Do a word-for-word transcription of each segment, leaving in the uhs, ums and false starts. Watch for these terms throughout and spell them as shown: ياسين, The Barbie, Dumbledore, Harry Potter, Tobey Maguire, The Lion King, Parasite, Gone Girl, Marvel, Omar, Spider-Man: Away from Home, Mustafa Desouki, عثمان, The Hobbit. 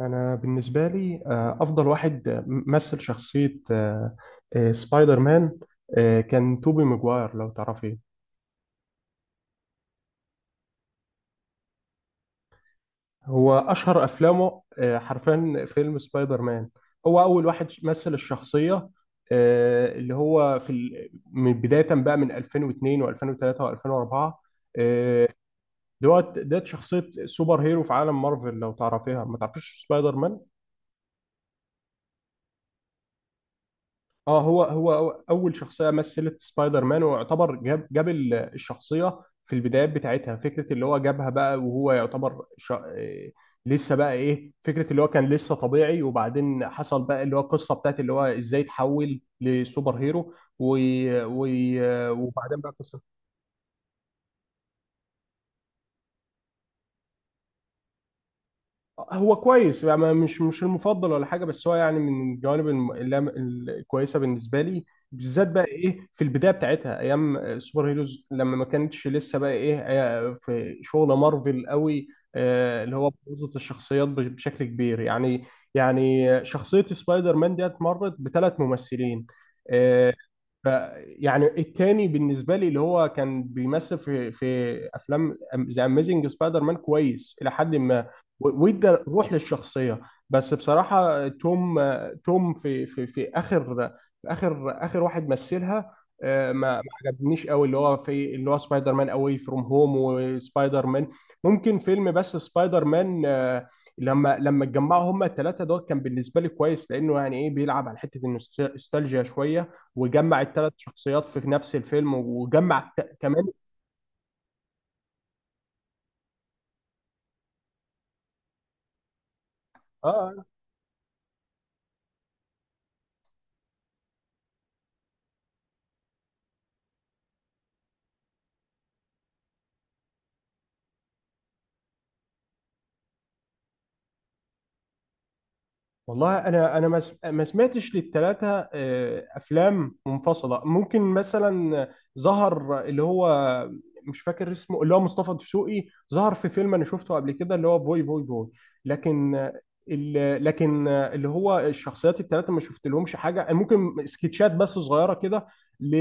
أنا بالنسبة لي آه، أفضل واحد آه، مثل شخصية آه، آه، سبايدر مان. آه، كان توبي ماجواير لو تعرفيه. هو أشهر أفلامه آه، حرفيا فيلم سبايدر مان. هو أول واحد مثل الشخصية. آه، اللي هو في ال- من بداية بقى من ألفين واثنين و2003 و2004 دوت. ده شخصية سوبر هيرو في عالم مارفل، لو تعرفيها ما تعرفيش سبايدر مان. اه، هو هو هو اول شخصيه مثلت سبايدر مان، ويعتبر جاب جاب ال- الشخصيه في البدايات بتاعتها. فكره اللي هو جابها بقى، وهو يعتبر ش... إيه، لسه بقى ايه، فكره اللي هو كان لسه طبيعي، وبعدين حصل بقى اللي هو القصه بتاعت اللي هو ازاي تحول لسوبر هيرو، و... و... وبعدين بقى قصه. هو كويس يعني، مش مش المفضل ولا حاجه، بس هو يعني من الجوانب الم- اللي أنا- الكويسه بالنسبه لي، بالذات بقى ايه في البدايه بتاعتها ايام السوبر هيروز، لما ما كانتش لسه بقى ايه آه، في شغل مارفل قوي. آه، اللي هو بوظت الشخصيات بش- بشكل كبير يعني. يعني شخصيه سبايدر مان ديت مرت بثلاث ممثلين آه، ف- يعني التاني بالنسبه لي اللي هو كان بيمثل في في افلام ذا اميزنج سبايدر مان كويس الى حد ما. و- وادى روح للشخصيه. بس بصراحه توم توم في في في اخر، في اخر اخر واحد مثلها آه، ما ما عجبنيش قوي اللي هو في اللي هو سبايدر مان اواي فروم هوم وسبايدر مان. ممكن فيلم بس سبايدر مان آه، لما لما اتجمعوا هما الثلاثه دول كان بالنسبه لي كويس، لانه يعني ايه بيلعب على حته النوستالجيا شويه، وجمع الثلاث شخصيات في نفس الفيلم، وجمع الت- كمان. اه، والله انا انا ما س- ما سمعتش للثلاثه افلام منفصله. ممكن مثلا ظهر اللي هو، مش فاكر اسمه، اللي هو مصطفى دسوقي ظهر في فيلم انا شفته قبل كده اللي هو بوي بوي بوي. لكن آه، ال- لكن آه، اللي هو الشخصيات الثلاثه ما شفت لهمش حاجه، ممكن سكتشات بس صغيره كده. ل-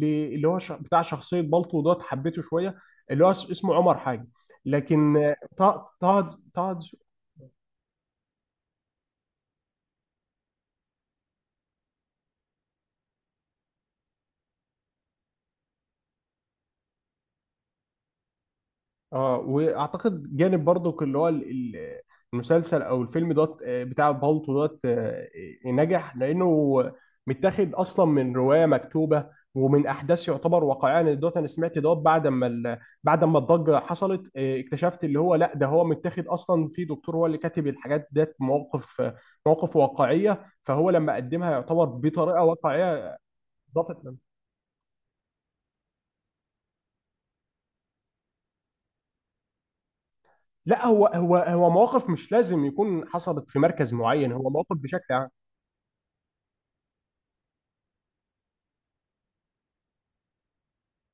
ل- اللي هو ش- بتاع شخصيه بالطو دوت حبيته شويه. اللي هو اس- اسمه عمر حاجه. لكن آه، طه طه طه. اه، واعتقد جانب برضو اللي هو ال- ال- المسلسل او الفيلم دوت آه، بتاع بالطو دوت آه، آه، نجح لانه متاخد اصلا من روايه مكتوبه ومن احداث يعتبر واقعيه. انا دوت، انا سمعت دوت بعد ما ال- بعد ما الضجه حصلت آه، اكتشفت اللي هو لا، ده هو متاخد اصلا في دكتور هو اللي كاتب الحاجات ديت، مواقف آه، مواقف واقعيه، فهو لما قدمها يعتبر بطريقه واقعيه. ضافت لنا. لا، هو هو هو مواقف مش لازم يكون حصلت في مركز معين، هو مواقف بشكل عام.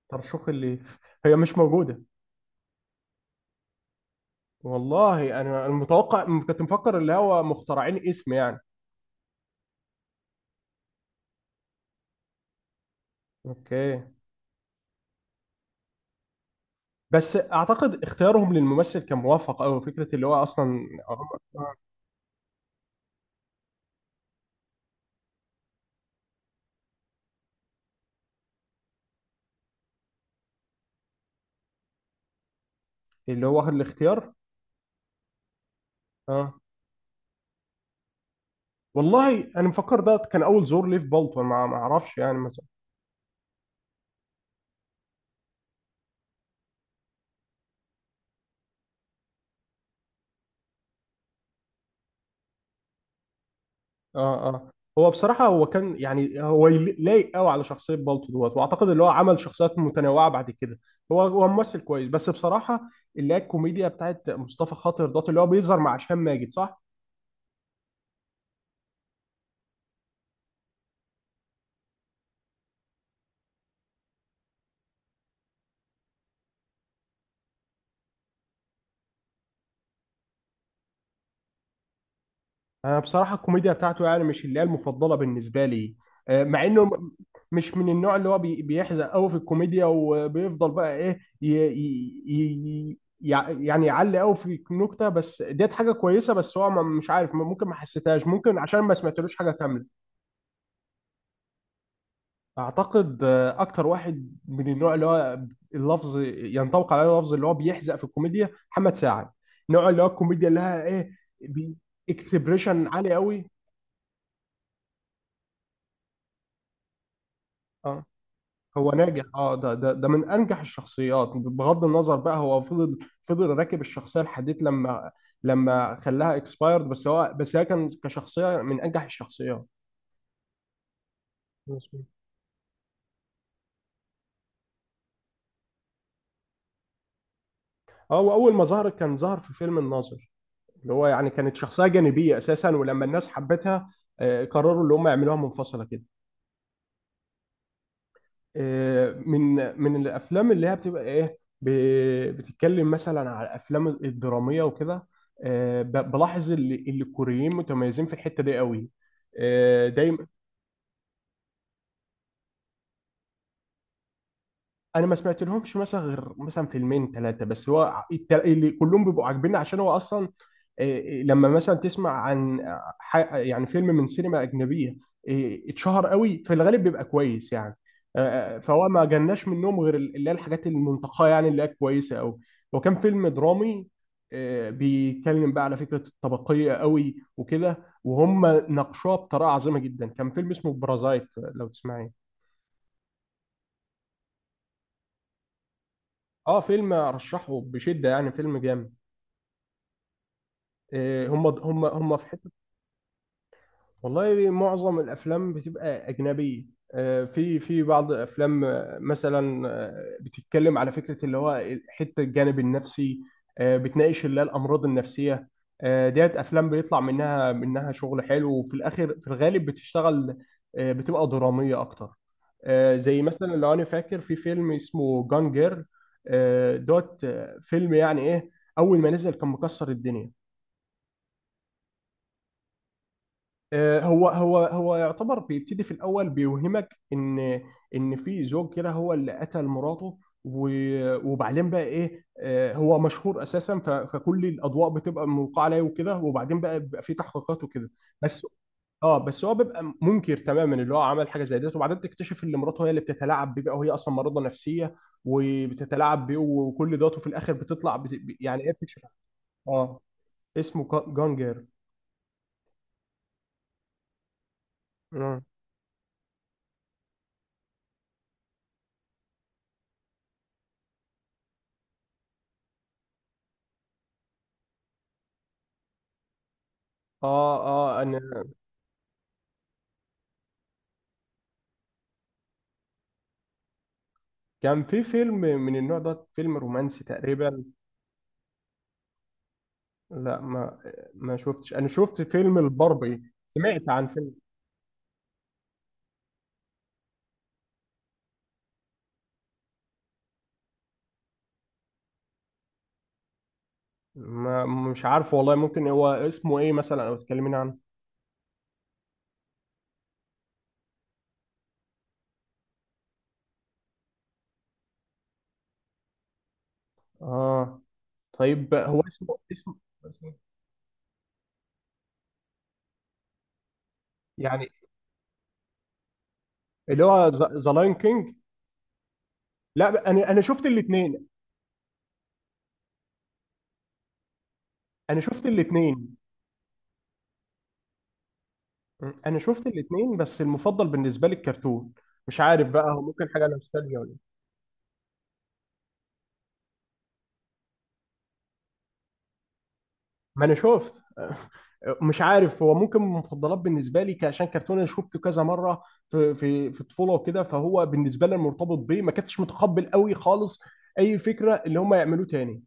ترشوخ اللي هي مش موجودة. والله أنا أنا متوقع، م- كنت مفكر اللي هو مخترعين اسم يعني. أوكي. بس أعتقد اختيارهم للممثل كان موفق أوي، فكرة اللي هو أصلا اللي هو واخد الاختيار. أه. والله أنا مفكر ده كان أول زور ليه في بالتون، ما ما أعرفش يعني. اه اه. هو بصراحة، هو كان يعني هو يلي- لايق قوي على شخصية بالتو دوت، واعتقد اللي هو عمل شخصيات متنوعة بعد كده. هو هو ممثل كويس، بس بصراحة اللي هي الكوميديا بتاعت مصطفى خاطر دوت اللي هو بيظهر مع هشام ماجد، صح؟ انا بصراحة الكوميديا بتاعته يعني مش اللي هي المفضلة بالنسبة لي آه، مع انه م- مش من النوع اللي هو بي- بيحزق قوي في الكوميديا، وبيفضل بقى ايه ي- ي- ي- يع- يعني يعلي قوي في النكتة، بس ديت حاجة كويسة، بس هو ما- مش عارف، ممكن ما حسيتهاش، ممكن عشان ما سمعتلوش حاجة كاملة. اعتقد آه، اكتر واحد من النوع اللي هو اللفظ ينطبق عليه، اللفظ اللي هو بيحزق في الكوميديا محمد سعد. نوع اللي هو الكوميديا اللي لها ايه، بي- اكسبريشن عالي قوي. اه. هو ناجح، اه، ده ده ده من انجح الشخصيات، بغض النظر بقى، هو فضل فضل راكب الشخصيه لحديت لما لما خلاها اكسبايرد، بس هو، بس هي، كان كشخصيه من انجح الشخصيات. مظبوط. اه، واول ما ظهر كان ظهر في فيلم الناظر، اللي هو يعني كانت شخصية جانبية أساسا، ولما الناس حبتها آه، قرروا اللي هم يعملوها منفصلة كده. آه، من من الأفلام اللي هي بتبقى إيه، ب- بتتكلم مثلا على الأفلام الدرامية وكده آه، ب- بلاحظ اللي اللي الكوريين متميزين في الحتة دي قوي آه، دايما. أنا ما سمعت لهمش مثلا غير مثلا فيلمين ثلاثة بس، هو الت- اللي كلهم بيبقوا عاجبيني عشان هو أصلا إيه، لما مثلا تسمع عن ح- يعني فيلم من سينما أجنبية إيه، اتشهر قوي، في الغالب بيبقى كويس يعني. آه، آه، فهو ما جالناش منهم غير ال- اللي هي الحاجات المنتقاه، يعني اللي هي كويسة قوي. وكان فيلم درامي آه، بيتكلم بقى على فكرة الطبقية قوي وكده، وهم ناقشوها بطريقة عظيمة جدا. كان فيلم اسمه بارازايت لو تسمعين. اه، فيلم ارشحه بشدة يعني، فيلم جامد. آه، هم هم هم في حتة. والله معظم الافلام بتبقى اجنبيه. آه، في في بعض افلام آه، مثلا آه، بتتكلم على فكره اللي هو حته الجانب النفسي آه، بتناقش اللي هي الامراض النفسيه. آه، ديت افلام بيطلع منها منها شغل حلو، وفي الاخر في الغالب بتشتغل آه، بتبقى دراميه اكتر. آه، زي مثلا، لو انا فاكر، في فيلم اسمه جان جير دوت. آه، فيلم يعني ايه، اول ما نزل كان مكسر الدنيا. آه، هو هو هو يعتبر بيبتدي في الاول بيوهمك ان ان في زوج كده هو اللي قتل مراته، و- وبعدين بقى ايه آه، هو مشهور اساسا، ف- فكل الاضواء بتبقى ملقاه عليه وكده، وبعدين بقى بيبقى في تحقيقات وكده بس. اه، بس هو بيبقى منكر تماما اللي هو عمل حاجه زي ديت، وبعدين تكتشف ان مراته هي اللي بتتلاعب بيه بقى، وهي اصلا مريضه نفسيه وبتتلاعب بيه وكل دوت، وفي الاخر بتطلع بت... يعني ايه بتكشف. اه، اسمه جا- جانجر. مم. اه اه، كان في فيلم من النوع ده، فيلم رومانسي تقريبا. لا ما ما شفتش، انا شفت فيلم الباربي. سمعت عن فيلم. ما مش عارف والله، ممكن هو اسمه ايه مثلا او تكلمين عنه. اه. طيب هو اسمه اسمه اسمه إيه؟ يعني اللي هو ذا لاين كينج. لا، انا انا شفت الاثنين. انا شفت الاثنين. انا شفت الاثنين بس المفضل بالنسبه لي الكرتون. مش عارف بقى، هو ممكن حاجه نوستالجيا ولا إيه. ما انا شفت. مش عارف، هو ممكن من المفضلات بالنسبه لي عشان كرتون انا شفته كذا مره في في في الطفوله وكده، فهو بالنسبه لي مرتبط بيه. ما كنتش متقبل قوي خالص اي فكره اللي هم يعملوه تاني،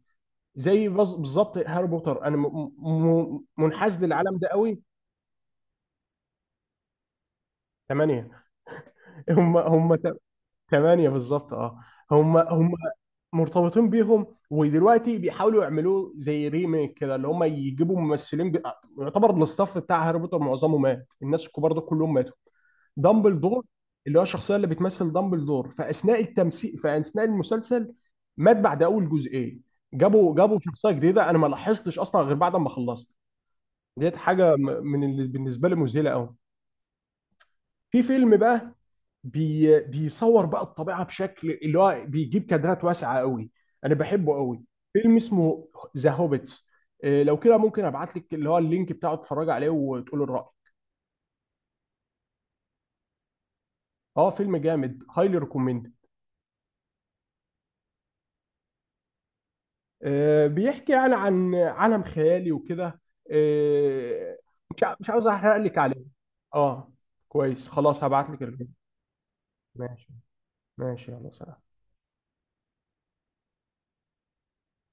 زي بز- بالظبط هاري بوتر، انا م- م- منحاز للعالم ده قوي. ثمانية. هم هم ت- ثمانية بالظبط، اه. هم هم مرتبطين بيهم، ودلوقتي بيحاولوا يعملوه زي ريميك كده، اللي هم يجيبوا ممثلين بي... يعتبر الاستاف بتاع هاري بوتر معظمه مات، الناس الكبار ده كلهم ماتوا. دامبلدور، اللي هو الشخصيه اللي بتمثل دامبلدور في اثناء التمثيل في اثناء المسلسل، مات بعد اول جزئين. جابوا جابوا شخصيه جديده، انا ما لاحظتش اصلا غير بعد ما خلصت. ديت حاجه م- من اللي بالنسبه لي مذهله قوي. في فيلم بقى، بي بيصور بقى الطبيعه بشكل اللي هو بيجيب كادرات واسعه قوي، انا بحبه قوي. فيلم اسمه ذا هوبيتس. لو كده ممكن ابعت لك اللي هو اللينك بتاعه، تتفرج عليه وتقول الراي. اه، فيلم جامد، هايلي ريكومند. آه، بيحكي يعني عن عالم خيالي وكده. آه، مش ع- مش عاوز احرق لك عليه. اه كويس. خلاص، هبعت لك اللينك. ماشي. ماشي يلا، سلام.